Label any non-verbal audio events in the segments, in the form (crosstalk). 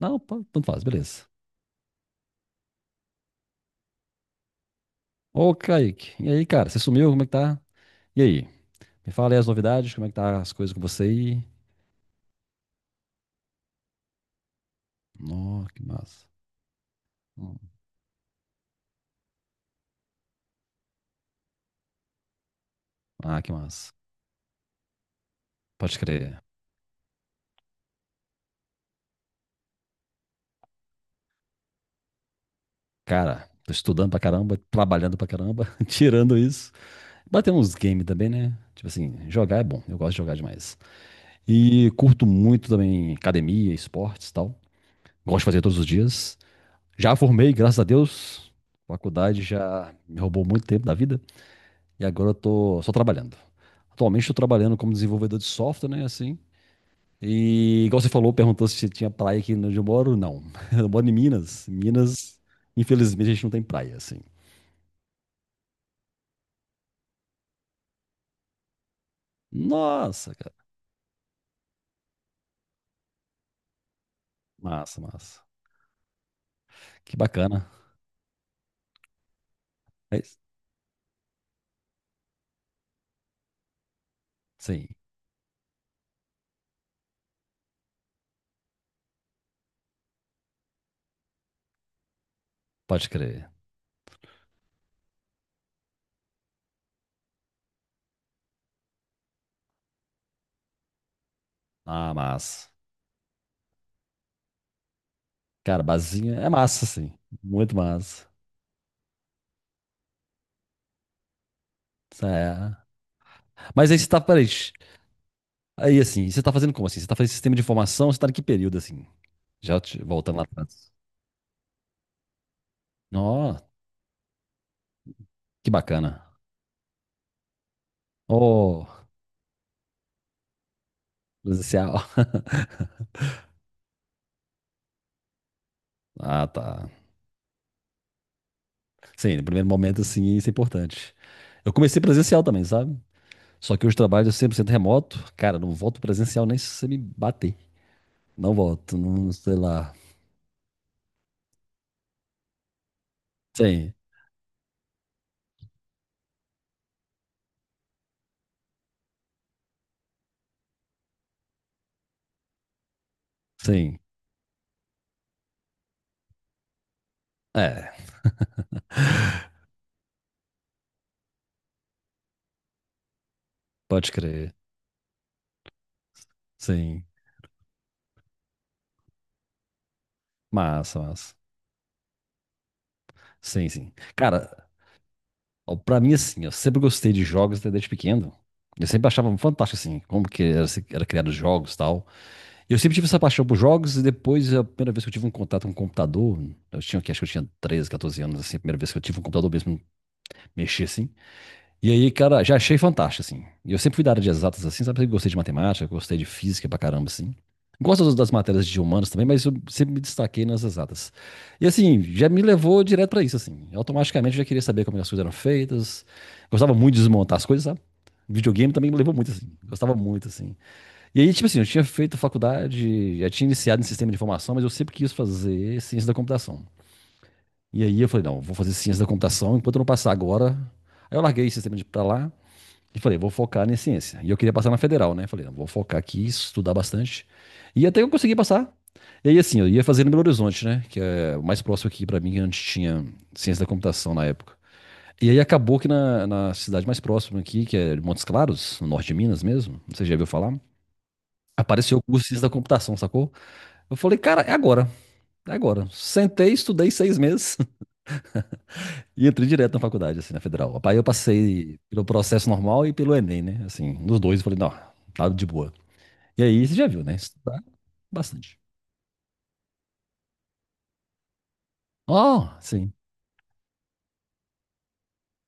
Não, pô, tanto faz, beleza. Ô, Kaique, e aí, cara, você sumiu? Como é que tá? E aí? Me fala aí as novidades, como é que tá as coisas com você aí? Nossa, que massa. Hum. Ah, que massa. Pode crer. Cara, tô estudando pra caramba, trabalhando pra caramba, (laughs) tirando isso. Bater uns games também, né? Tipo assim, jogar é bom, eu gosto de jogar demais. E curto muito também academia, esportes e tal. Gosto de fazer todos os dias. Já formei, graças a Deus. Faculdade já me roubou muito tempo da vida. E agora eu tô só trabalhando. Atualmente estou trabalhando como desenvolvedor de software, né? Assim. E igual você falou, perguntou se tinha praia aqui onde eu moro. Não. (laughs) Eu moro em Minas. Minas, infelizmente, a gente não tem praia, assim. Nossa, cara. Massa, massa. Que bacana. É isso? Sim, pode crer. Ah, massa. Cara, basinha é massa, sim. Muito massa. Isso é. Mas aí você tá, peraí. Aí assim, você tá fazendo como assim? Você tá fazendo sistema de informação? Você tá em que período assim? Voltando lá atrás. Que bacana. Oh, presencial. (laughs) Ah, tá. Sim, no primeiro momento, assim, isso é importante. Eu comecei presencial também, sabe? Só que hoje trabalho 100% remoto. Cara, não volto presencial nem se você me bater. Não volto, não sei lá. Sim, sim. É, pode crer. Sim. Massa, massa. Sim, sim. Cara, ó, pra mim, assim, eu sempre gostei de jogos até desde pequeno. Eu sempre achava fantástico, assim, como que era, era criado os jogos e tal. Eu sempre tive essa paixão por jogos e depois a primeira vez que eu tive um contato com um computador, eu tinha acho que eu tinha 13 14 anos, assim, a primeira vez que eu tive um computador mesmo, mexer assim. E aí, cara, já achei fantástico, assim. E eu sempre fui da área de exatas, assim, sabe? Eu gostei de matemática, gostei de física pra caramba, assim. Gosto das matérias de humanas também, mas eu sempre me destaquei nas exatas. E assim, já me levou direto pra isso, assim. Eu automaticamente já queria saber como as coisas eram feitas. Gostava muito de desmontar as coisas, sabe? Videogame também me levou muito, assim. Gostava muito, assim. E aí, tipo assim, eu tinha feito faculdade, já tinha iniciado em sistema de informação, mas eu sempre quis fazer ciência da computação. E aí eu falei, não, vou fazer ciência da computação enquanto eu não passar agora. Aí eu larguei o sistema de pra lá e falei, vou focar em ciência. E eu queria passar na federal, né? Falei, não, vou focar aqui, estudar bastante. E até que eu consegui passar. E aí, assim, eu ia fazer no Belo Horizonte, né? Que é o mais próximo aqui pra mim, que antes tinha ciência da computação na época. E aí acabou que na cidade mais próxima aqui, que é Montes Claros, no norte de Minas mesmo, você já viu falar? Apareceu o curso de ciência da computação, sacou? Eu falei, cara, é agora, é agora. Sentei, estudei seis meses (laughs) e entrei direto na faculdade, assim, na federal. Aí eu passei pelo processo normal e pelo Enem, né? Assim, nos dois, eu falei, não, tá de boa. E aí, você já viu, né? Estudar bastante. Oh, sim,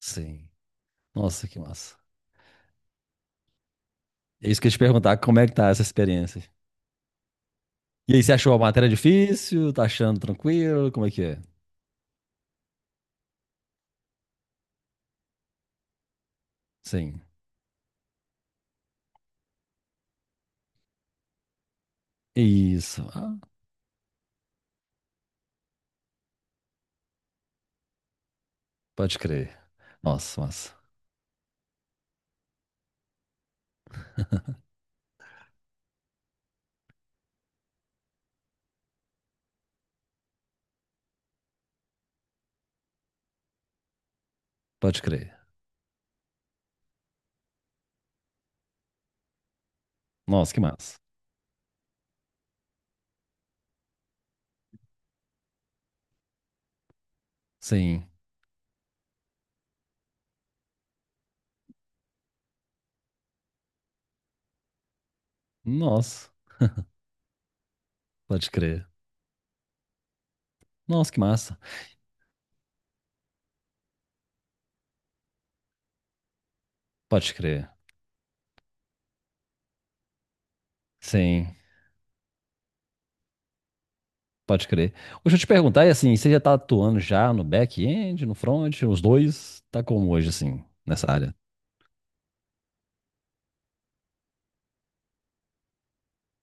sim. Nossa, que massa. É isso que eu ia te perguntar, como é que tá essa experiência? E aí, você achou a matéria difícil? Tá achando tranquilo? Como é que é? Sim. Isso. Ah, pode crer. Nossa, massa. Pode crer. Nossa, que massa. Sim. Nossa, pode crer. Nossa, que massa. Pode crer. Sim, pode crer. Deixa eu te perguntar, e assim, você já tá atuando já no back-end, no front, os dois? Tá como hoje, assim, nessa área?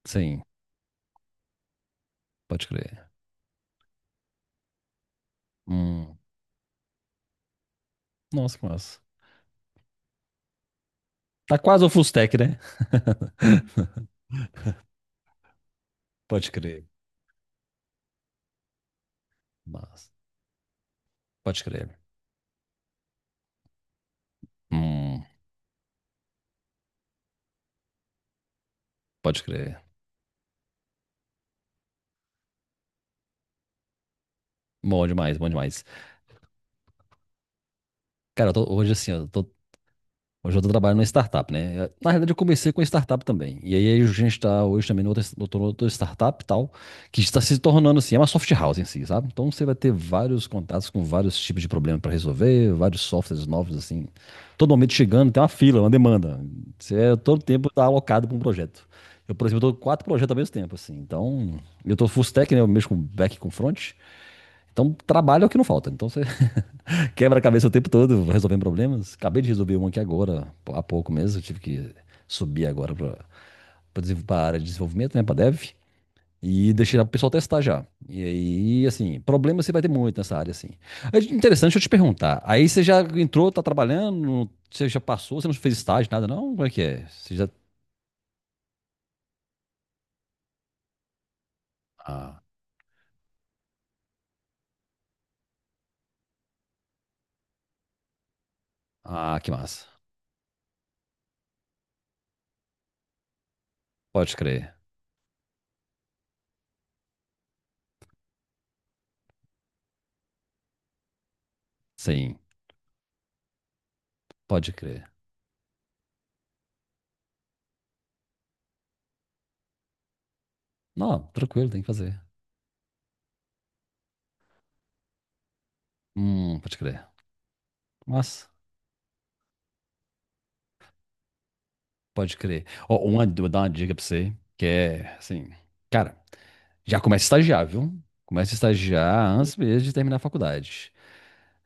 Sim, pode crer. Hum, nossa, que massa. Tá quase o full stack, né? Pode crer. Massa. Pode crer. Hum, pode crer. Bom demais, bom demais. Cara, hoje, assim, eu tô Hoje eu estou trabalhando numa startup, né? Na realidade, eu comecei com startup também. E aí a gente está hoje também outra startup e tal, que está se tornando assim, é uma soft house em si, sabe? Então você vai ter vários contatos com vários tipos de problemas para resolver, vários softwares novos, assim. Todo momento chegando, tem uma fila, uma demanda. Você é, todo tempo está alocado para um projeto. Eu, por exemplo, estou com quatro projetos ao mesmo tempo, assim. Então, eu estou full stack, né? Eu mexo com back e com front. Então, trabalho é o que não falta. Então, você quebra-cabeça o tempo todo, resolvendo problemas. Acabei de resolver um aqui agora, há pouco mesmo. Eu tive que subir agora para a área de desenvolvimento, né, para dev. E deixei o pessoal testar já. E aí, assim, problema você vai ter muito nessa área, assim. É interessante, deixa eu te perguntar. Aí você já entrou, tá trabalhando, você já passou, você não fez estágio, nada, não? Como é que é? Você já. Ah, ah, que massa. Pode crer. Sim, pode crer. Não, tranquilo, tem que fazer. Pode crer. Massa. Pode crer. Ó, uma, vou dar uma dica pra você, que é assim, cara, já começa a estagiar, viu? Começa a estagiar antes mesmo de terminar a faculdade.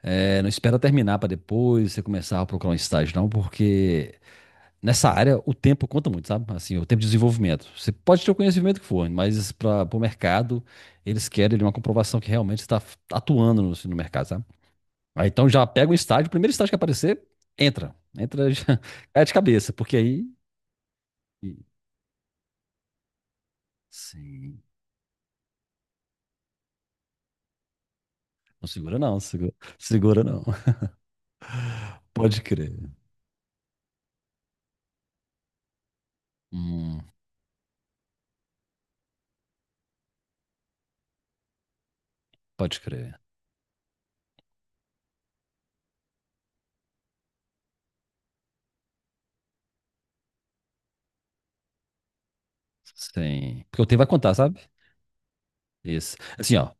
É, não espera terminar pra depois você começar a procurar um estágio, não, porque nessa área o tempo conta muito, sabe? Assim, o tempo de desenvolvimento. Você pode ter o conhecimento que for, mas para o mercado, eles querem ali, uma comprovação que realmente está atuando no mercado, sabe? Aí, então já pega um estágio, o primeiro estágio que aparecer, entra. Entra já, (laughs) é de cabeça, porque aí. Sim. Não segura não, segura, segura não. (laughs) Pode crer. Hum, pode crer. Sim. Porque o tempo vai contar, sabe? Isso. Assim, ó.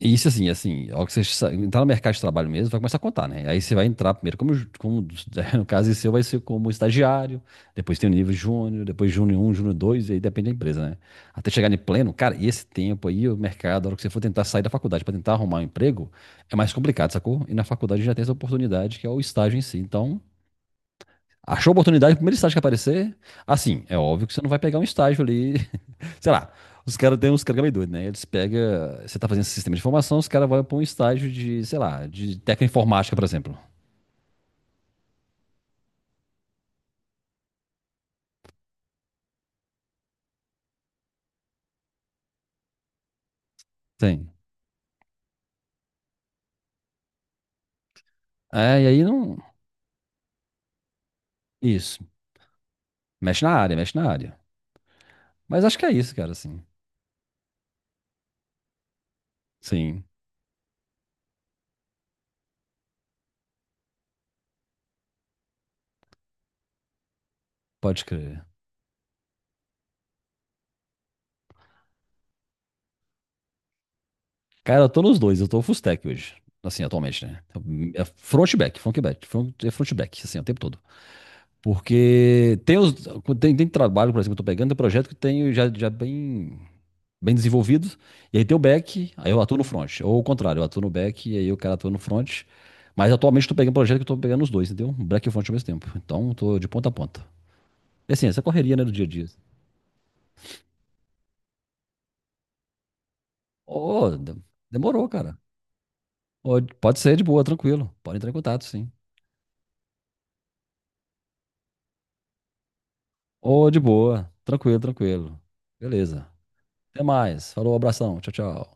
Isso assim, assim, ó, que entrar no mercado de trabalho mesmo, vai começar a contar, né? Aí você vai entrar primeiro como, como (laughs) no caso seu, vai ser como estagiário, depois tem o nível júnior, depois júnior um júnior 2 e aí depende da empresa, né? Até chegar em pleno, cara, e esse tempo aí, o mercado, a hora que você for tentar sair da faculdade para tentar arrumar um emprego, é mais complicado, sacou? E na faculdade já tem essa oportunidade que é o estágio em si. Então, achou oportunidade, o primeiro estágio que aparecer. Assim, é óbvio que você não vai pegar um estágio ali. (laughs) Sei lá, os caras têm uns caras meio doidos, né? Eles pegam. Você tá fazendo esse sistema de informação, os caras vão pra um estágio de, sei lá, de técnica informática, por exemplo. Tem. É, e aí não. Isso. Mexe na área, mexe na área. Mas acho que é isso, cara, assim. Sim, pode crer. Cara, eu tô nos dois, eu tô full stack hoje. Assim, atualmente, né? Então, é front e back, front e back, front, é front e back, assim, o tempo todo. Porque tem trabalho, por exemplo, que eu tô pegando, tem projeto que eu tenho já bem, bem desenvolvido, e aí tem o back, aí eu atuo no front. Ou o contrário, eu atuo no back e aí o cara atua no front. Mas atualmente eu tô pegando projeto que eu tô pegando os dois, entendeu? Back e front ao mesmo tempo. Então eu tô de ponta a ponta. E assim, essa correria, né, do dia a dia. Ô, demorou, cara. Ô, pode ser de boa, tranquilo. Pode entrar em contato, sim. Ô, de boa, tranquilo, tranquilo. Beleza. Até mais. Falou, abração. Tchau, tchau.